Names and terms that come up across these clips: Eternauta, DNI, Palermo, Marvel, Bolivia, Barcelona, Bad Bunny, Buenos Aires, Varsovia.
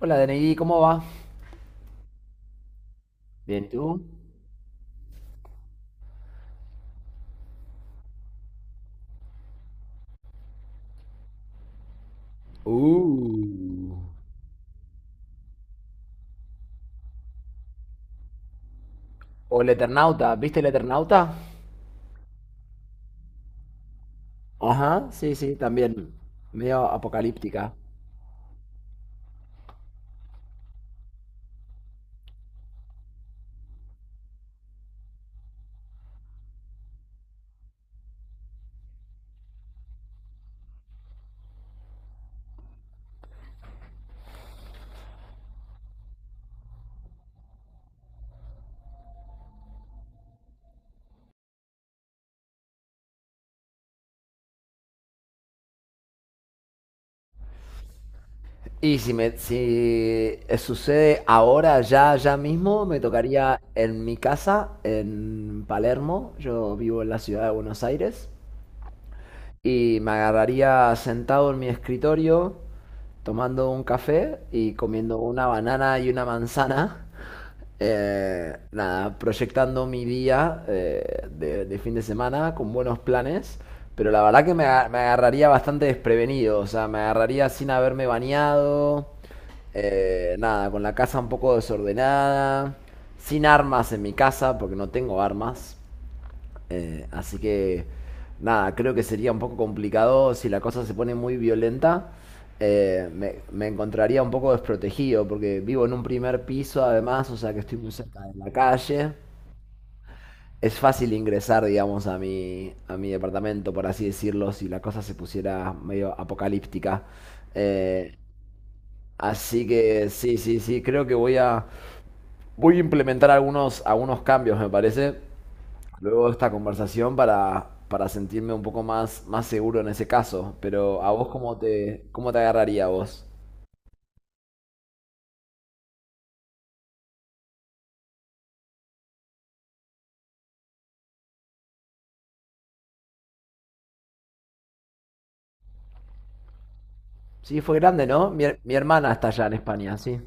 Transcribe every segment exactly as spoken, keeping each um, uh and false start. Hola, D N I, ¿cómo va? Bien, ¿tú? Uh. O el Eternauta, ¿viste el Eternauta? Ajá, sí, sí, también. Medio apocalíptica. Y si me, si eh, Sucede ahora, ya, ya mismo, me tocaría en mi casa, en Palermo. Yo vivo en la ciudad de Buenos Aires. Y me agarraría sentado en mi escritorio tomando un café y comiendo una banana y una manzana. Eh, nada, proyectando mi día eh, de, de fin de semana con buenos planes, pero la verdad que me, aga- me agarraría bastante desprevenido, o sea, me agarraría sin haberme bañado, eh, nada, con la casa un poco desordenada, sin armas en mi casa, porque no tengo armas, eh, así que, nada, creo que sería un poco complicado si la cosa se pone muy violenta. Eh, me, me encontraría un poco desprotegido porque vivo en un primer piso además, o sea que estoy muy cerca de la calle. Es fácil ingresar, digamos, a mi, a mi departamento, por así decirlo, si la cosa se pusiera medio apocalíptica. Eh, Así que sí, sí, sí, creo que voy a, voy a implementar algunos, algunos cambios, me parece luego de esta conversación para, para sentirme un poco más, más seguro en ese caso. Pero a vos, ¿cómo te, ¿cómo te agarraría a vos? Sí, fue grande, ¿no? Mi, her- mi hermana está allá en España, sí.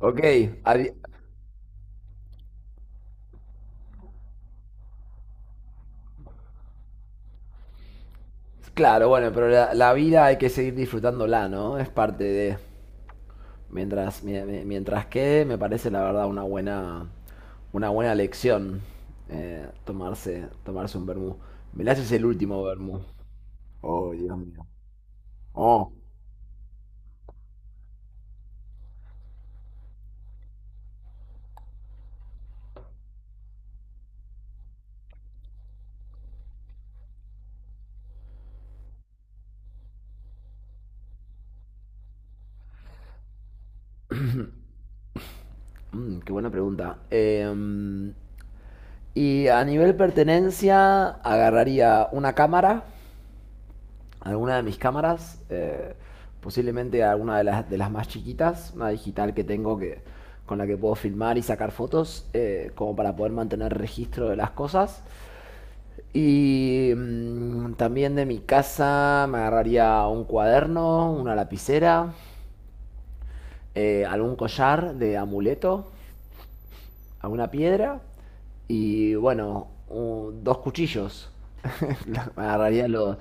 Ok, adi- claro, bueno, pero la, la vida hay que seguir disfrutándola, ¿no? Es parte de... Mientras, mi- mi- mientras quede, me parece la verdad una buena, una buena lección eh, tomarse, tomarse un vermú. Velázquez es el último vermú. Oh, Dios mío. Oh. Mm, qué buena pregunta. Em, y a nivel pertenencia, agarraría una cámara, alguna de mis cámaras, eh, posiblemente alguna de las, de las más chiquitas, una digital que tengo que, con la que puedo filmar y sacar fotos, eh, como para poder mantener registro de las cosas. Y mm, también de mi casa me agarraría un cuaderno, una lapicera, eh, algún collar de amuleto a una piedra y bueno, un- dos cuchillos. Lo- Agarraría los,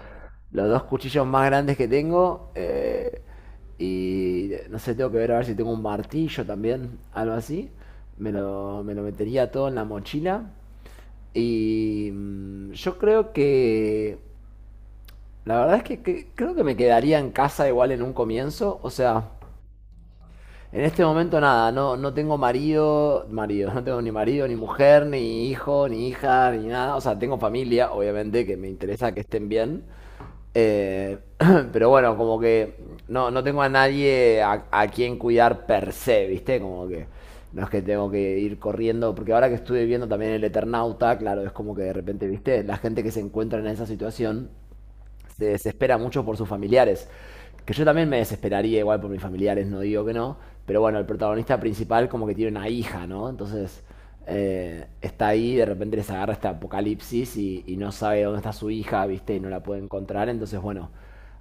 los dos cuchillos más grandes que tengo eh, y no sé, tengo que ver a ver si tengo un martillo también, algo así. Me lo, me lo metería todo en la mochila y mm, yo creo que... La verdad es que, que- creo que me quedaría en casa igual en un comienzo, o sea... En este momento nada, no, no tengo marido, marido, no tengo ni marido, ni mujer, ni hijo, ni hija, ni nada. O sea, tengo familia, obviamente, que me interesa que estén bien. Eh, pero bueno, como que no, no tengo a nadie a, a quien cuidar per se, ¿viste? Como que no es que tengo que ir corriendo, porque ahora que estuve viendo también el Eternauta, claro, es como que de repente, ¿viste? La gente que se encuentra en esa situación se desespera mucho por sus familiares. Que yo también me desesperaría igual por mis familiares, no digo que no. Pero bueno, el protagonista principal como que tiene una hija, ¿no? Entonces eh, está ahí, de repente les agarra este apocalipsis y, y no sabe dónde está su hija, ¿viste? Y no la puede encontrar. Entonces, bueno,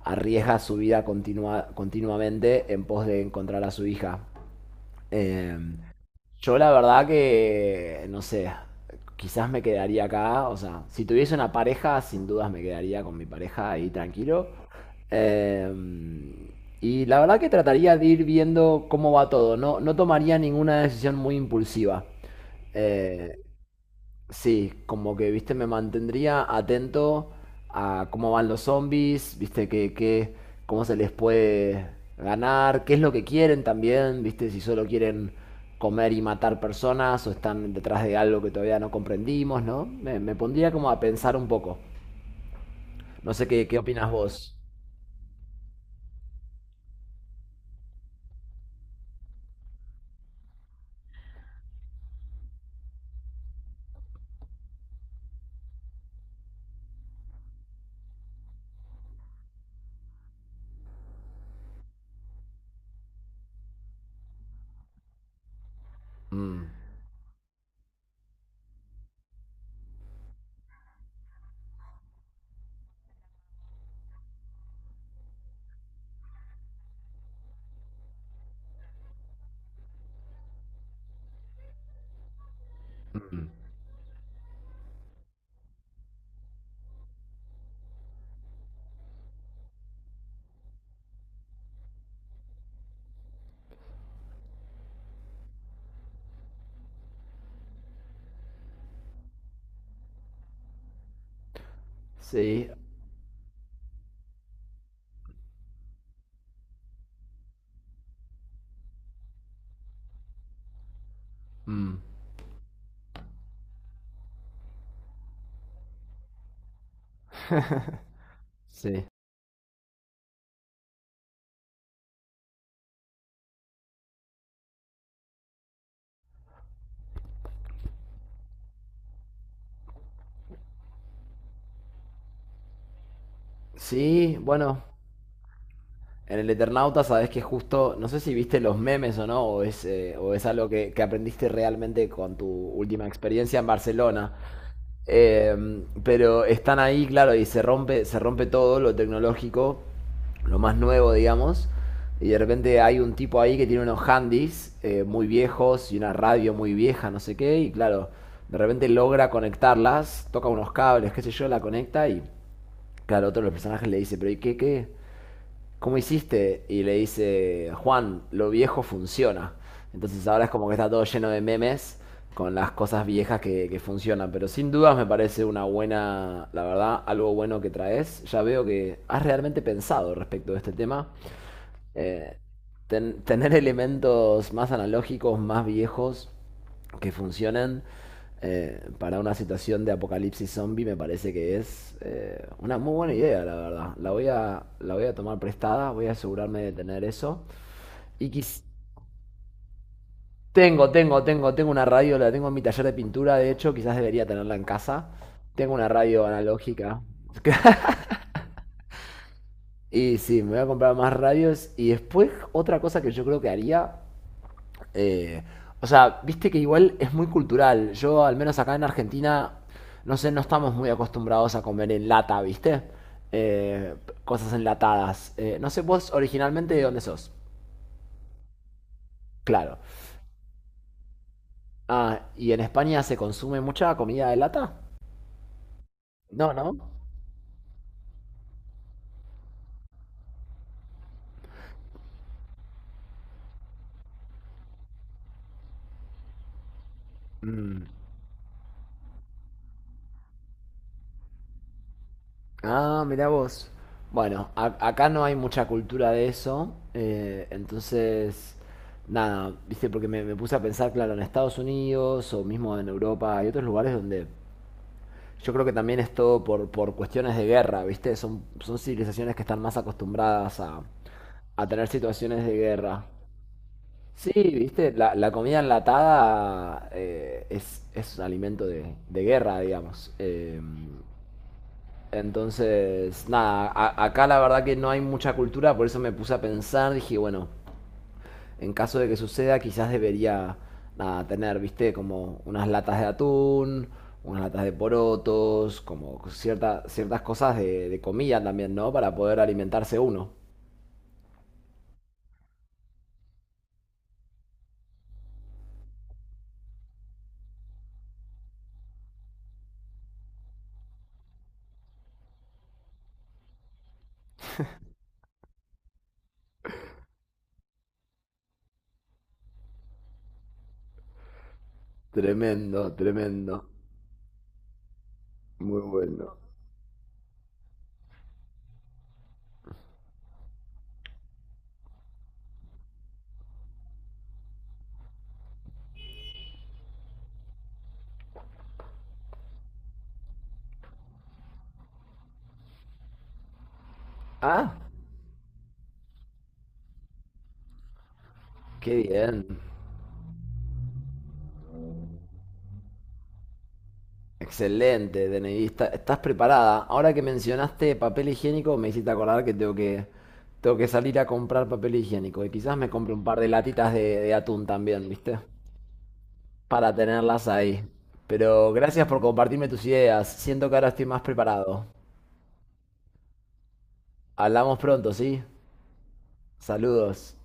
arriesga su vida continua- continuamente en pos de encontrar a su hija. Eh, yo la verdad que, no sé, quizás me quedaría acá, o sea, si tuviese una pareja, sin dudas me quedaría con mi pareja ahí tranquilo. Eh, y la verdad que trataría de ir viendo cómo va todo, no, no tomaría ninguna decisión muy impulsiva. Eh, Sí, como que, viste, me mantendría atento a cómo van los zombies, viste, que, que- cómo se les puede ganar, qué es lo que quieren también, viste, si solo quieren comer y matar personas o están detrás de algo que todavía no comprendimos, ¿no? Me, me pondría como a pensar un poco. No sé qué, qué opinas vos. Mm, mm, mm. sí, mm, sí. Sí, bueno, en el Eternauta sabes que justo, no sé si viste los memes o no, o es, eh, o es algo que, que aprendiste realmente con tu última experiencia en Barcelona. Eh, pero están ahí, claro, y se rompe, se rompe todo lo tecnológico, lo más nuevo, digamos. Y de repente hay un tipo ahí que tiene unos handys eh, muy viejos y una radio muy vieja, no sé qué. Y claro, de repente logra conectarlas, toca unos cables, qué sé yo, la conecta y claro, otro de los personajes le dice, pero ¿y qué, ¿qué? ¿Cómo hiciste? Y le dice, Juan, lo viejo funciona. Entonces ahora es como que está todo lleno de memes con las cosas viejas que, que funcionan. Pero sin dudas me parece una buena, la verdad, algo bueno que traes. Ya veo que has realmente pensado respecto de este tema eh, ten- tener elementos más analógicos, más viejos, que funcionen eh, para una situación de apocalipsis zombie me parece que es eh, una muy buena idea, la verdad. La voy a, la voy a tomar prestada, voy a asegurarme de tener eso. Y quis- tengo, tengo, tengo, tengo una radio, la tengo en mi taller de pintura, de hecho, quizás debería tenerla en casa. Tengo una radio analógica. Y sí, me voy a comprar más radios. Y después, otra cosa que yo creo que haría. Eh, o sea, viste que igual es muy cultural. Yo, al menos acá en Argentina, no sé, no estamos muy acostumbrados a comer en lata, ¿viste? Eh, Cosas enlatadas. Eh, no sé, vos originalmente de dónde sos. Claro. Ah, ¿y en España se consume mucha comida de lata? No, ¿no? Mm. Ah, mirá vos. Bueno, a- acá no hay mucha cultura de eso, eh, entonces, nada, viste, porque me, me puse a pensar, claro, en Estados Unidos o mismo en Europa hay otros lugares donde yo creo que también es todo por, por cuestiones de guerra, viste, son, son civilizaciones que están más acostumbradas a, a tener situaciones de guerra. Sí, viste, la, la comida enlatada eh, es, es un alimento de, de guerra, digamos. Eh, entonces, nada, a- acá la verdad que no hay mucha cultura, por eso me puse a pensar, dije, bueno, en caso de que suceda, quizás debería, nada, tener, viste, como unas latas de atún, unas latas de porotos, como cierta, ciertas cosas de, de comida también, ¿no? Para poder alimentarse uno. Tremendo, tremendo. Muy bueno. Ah, qué bien. Excelente, DNIista. ¿Estás preparada? Ahora que mencionaste papel higiénico, me hiciste acordar que tengo que, tengo que salir a comprar papel higiénico. Y quizás me compre un par de latitas de, de atún también, ¿viste? Para tenerlas ahí. Pero gracias por compartirme tus ideas. Siento que ahora estoy más preparado. Hablamos pronto, ¿sí? Saludos.